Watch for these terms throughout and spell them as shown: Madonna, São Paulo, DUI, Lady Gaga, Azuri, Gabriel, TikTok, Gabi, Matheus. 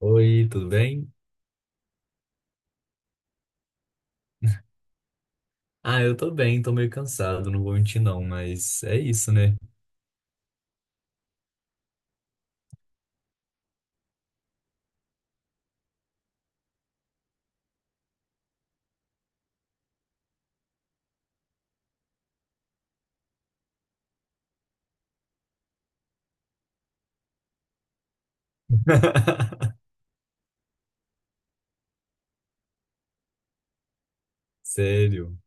Oi, tudo bem? Ah, eu tô bem, tô meio cansado, não vou mentir não, mas é isso, né? Sério.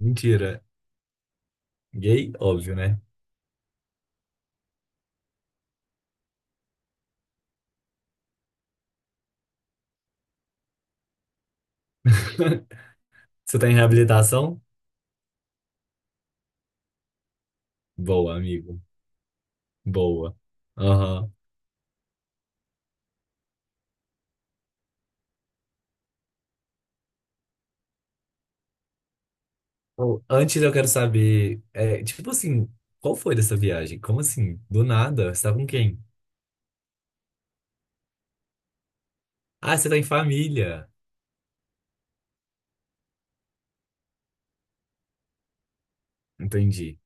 Mentira. Gay? Óbvio, né? Você tá em reabilitação? Boa, amigo. Boa. Aham. Bom, antes eu quero saber, é, tipo assim, qual foi dessa viagem? Como assim? Do nada? Você tá com quem? Ah, você tá em família. Entendi.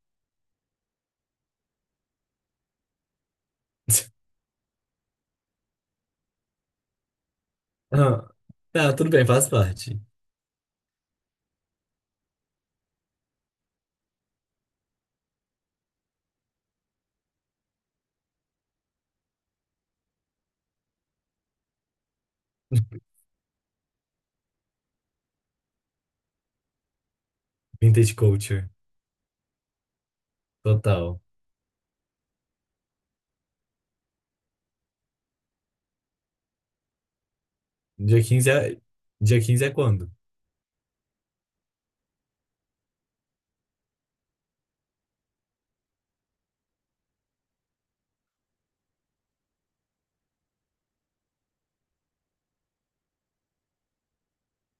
Ah, tá, tudo bem, faz parte. Vintage culture. Total. Dia 15, é. Dia 15 é quando?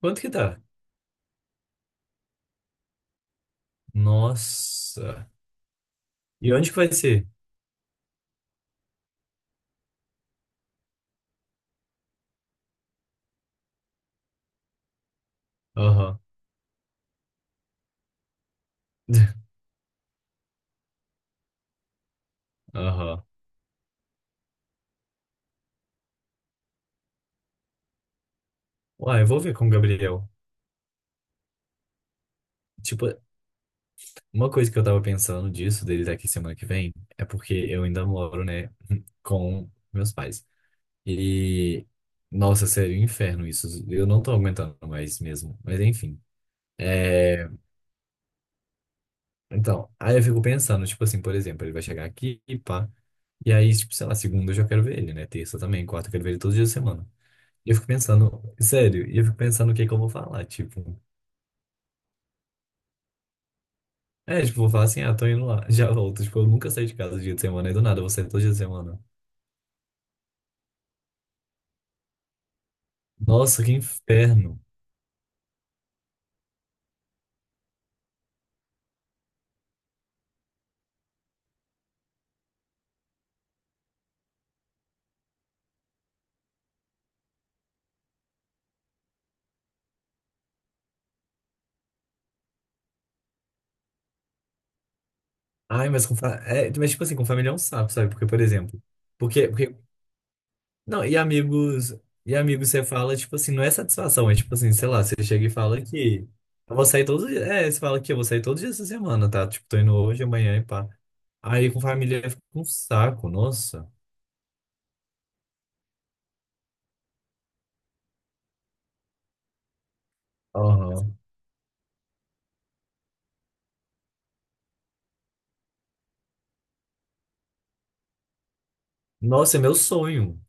Quanto que tá? Nossa. E onde que vai ser? Aham. Aham. Uai, eu vou ver com o Gabriel. Tipo, uma coisa que eu tava pensando disso, dele daqui semana que vem, é porque eu ainda moro, né, com meus pais. E, nossa, sério, um inferno isso. Eu não tô aguentando mais mesmo. Mas enfim. É, então, aí eu fico pensando, tipo assim, por exemplo, ele vai chegar aqui, pá. E aí, tipo, sei lá, segunda eu já quero ver ele, né? Terça também, quarta eu quero ver ele todos os dias da semana. E eu fico pensando, sério, e eu fico pensando o que é que eu vou falar, tipo. É, tipo, vou falar assim, ah, tô indo lá, já volto. Tipo, eu nunca saí de casa dia de semana, e do nada, eu vou sair todo dia de semana. Nossa, que inferno. Ai, mas é, mas tipo assim, com família é um sapo, sabe? Porque, por exemplo, porque, porque... Não, e amigos você fala, tipo assim, não é satisfação, é tipo assim, sei lá, você chega e fala que eu vou sair todos os dias, é, você fala que eu vou sair todos os dias essa semana, tá? Tipo, tô indo hoje, amanhã e pá. Aí com família fica um saco, nossa. Aham. Nossa, é meu sonho.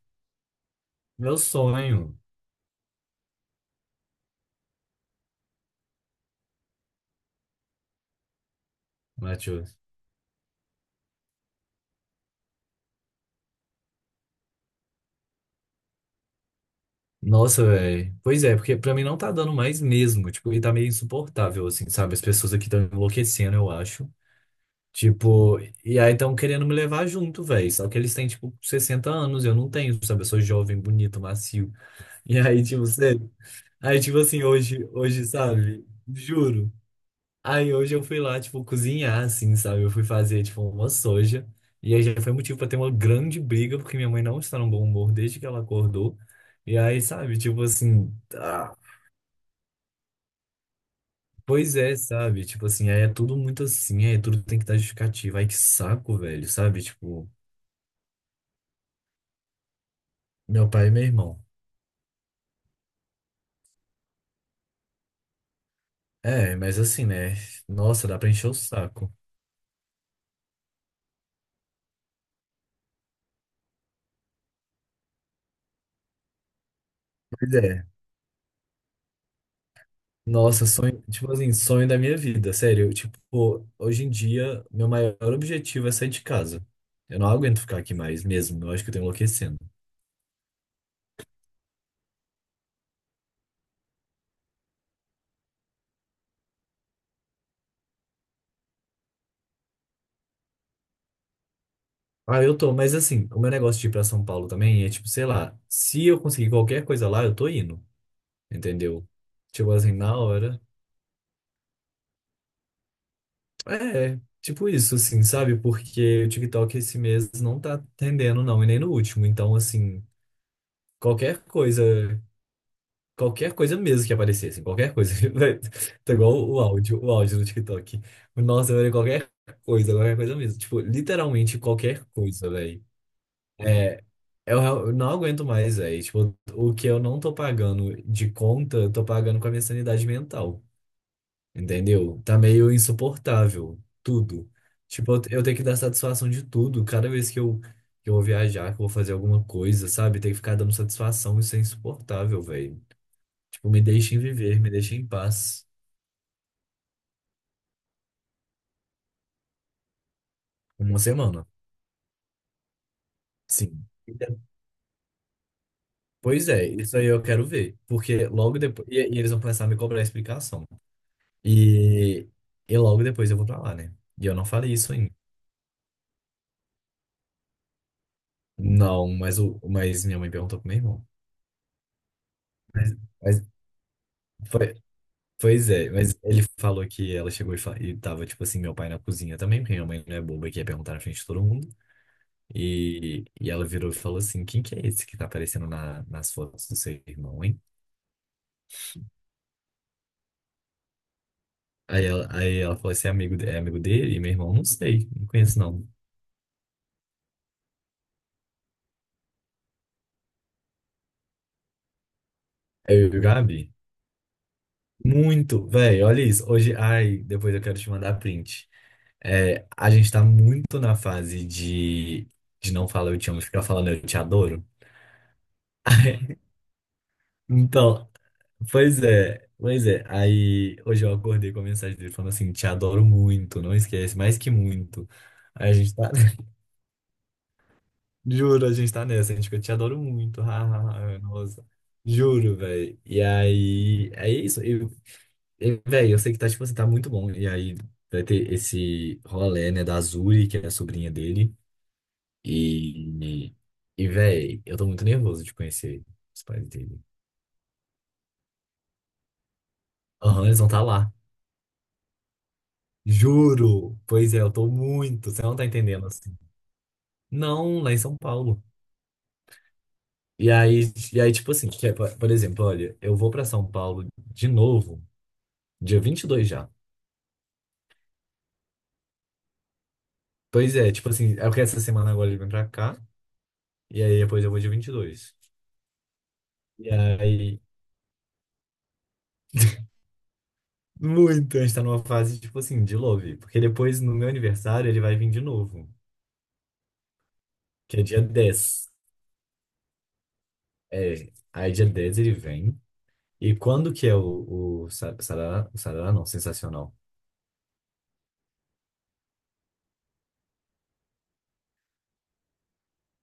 Meu sonho, Matheus. Nossa, velho. Pois é, porque pra mim não tá dando mais mesmo. Tipo, e tá meio insuportável, assim, sabe? As pessoas aqui estão enlouquecendo, eu acho. Tipo, e aí estão querendo me levar junto, velho. Só que eles têm, tipo, 60 anos, eu não tenho, sabe? Eu sou jovem, bonito, macio. E aí, tipo, sério. Aí, tipo assim, hoje, sabe? Juro. Aí hoje eu fui lá, tipo, cozinhar, assim, sabe? Eu fui fazer, tipo, uma soja. E aí já foi motivo pra ter uma grande briga, porque minha mãe não está num bom humor desde que ela acordou. E aí, sabe, tipo assim, ah, pois é, sabe? Tipo assim, aí é tudo muito assim, aí tudo tem que dar justificativa. Ai, que saco, velho, sabe? Tipo, meu pai e meu irmão. É, mas assim, né? Nossa, dá pra encher o saco. Pois é. Nossa, sonho, tipo assim, sonho da minha vida, sério. Tipo, hoje em dia, meu maior objetivo é sair de casa. Eu não aguento ficar aqui mais mesmo, eu acho que eu tô enlouquecendo. Ah, eu tô, mas assim, o meu negócio de ir pra São Paulo também é tipo, sei lá, se eu conseguir qualquer coisa lá, eu tô indo, entendeu? Tipo assim, na hora. É, tipo isso, assim, sabe? Porque o TikTok esse mês não tá atendendo, não, e nem no último. Então, assim, qualquer coisa. Qualquer coisa mesmo que aparecesse, qualquer coisa. Tá igual o áudio do TikTok. Nossa, velho, qualquer coisa mesmo. Tipo, literalmente qualquer coisa, velho. É, eu não aguento mais, velho. Tipo, o que eu não tô pagando de conta, eu tô pagando com a minha sanidade mental. Entendeu? Tá meio insuportável, tudo. Tipo, eu tenho que dar satisfação de tudo. Cada vez que que eu vou viajar, que eu vou fazer alguma coisa, sabe? Tem que ficar dando satisfação, isso é insuportável, velho. Tipo, me deixem viver, me deixem em paz. Uma semana. Sim. Pois é, isso aí eu quero ver. Porque logo depois. E eles vão começar a me cobrar explicação. E, e logo depois eu vou pra lá, né? E eu não falei isso ainda. Não, mas minha mãe perguntou pro meu irmão. Mas, mas foi- Pois é, mas ele falou que ela chegou e, e tava, tipo assim, meu pai na cozinha também, porque minha mãe não é boba que ia perguntar na frente de todo mundo. E ela virou e falou assim: quem que é esse que tá aparecendo nas fotos do seu irmão, hein? Aí ela falou esse é amigo, é amigo dele? E meu irmão, não sei, não conheço não. Aí eu e o Gabi, muito, velho, olha isso. Hoje, ai, depois eu quero te mandar print. É, a gente tá muito na fase de não falar eu te amo, ficar falando eu te adoro. Então, pois é, pois é. Aí hoje eu acordei com a mensagem dele falando assim, te adoro muito, não esquece, mais que muito. Aí a gente tá. Juro, a gente tá nessa, gente, que eu te adoro muito. Ha, ha, ha, é nossa. Juro, velho. E aí, é isso. Velho, eu sei que tá, tipo assim, tá muito bom. E aí vai ter esse rolê, né, da Azuri, que é a sobrinha dele. E, e velho, eu tô muito nervoso de conhecer os pais dele. Aham, eles vão estar tá lá. Juro. Pois é, eu tô muito. Você não tá entendendo, assim. Não, lá em São Paulo. E aí, e aí tipo assim, que é, por exemplo, olha, eu vou pra São Paulo de novo. Dia 22 já. Pois é, tipo assim, é porque essa semana agora ele vem pra cá, e aí depois eu vou dia 22 e aí, muito, a gente tá numa fase, tipo assim, de love. Porque depois, no meu aniversário, ele vai vir de novo, que é dia 10. É, aí dia 10 ele vem. E quando que é o sarará? O sarará não, sensacional.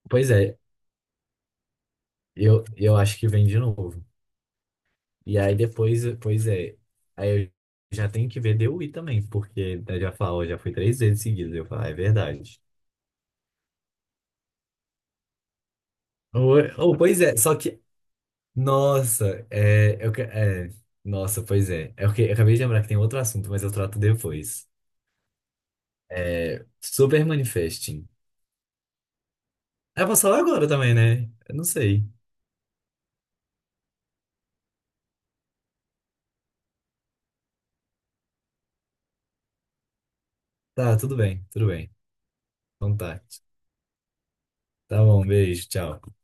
Pois é, eu acho que vem de novo. E aí depois, pois é, aí eu já tenho que ver DUI também, porque ele já falou já foi três vezes seguidas. Eu falo, ah, é verdade. Ou, pois é, só que nossa, nossa, pois é. É porque eu acabei de lembrar que tem outro assunto, mas eu trato depois. É, super manifesting. Ah, eu posso falar agora também, né? Eu não sei. Tá, tudo bem, tudo bem. Então tá. Tá bom, beijo, tchau.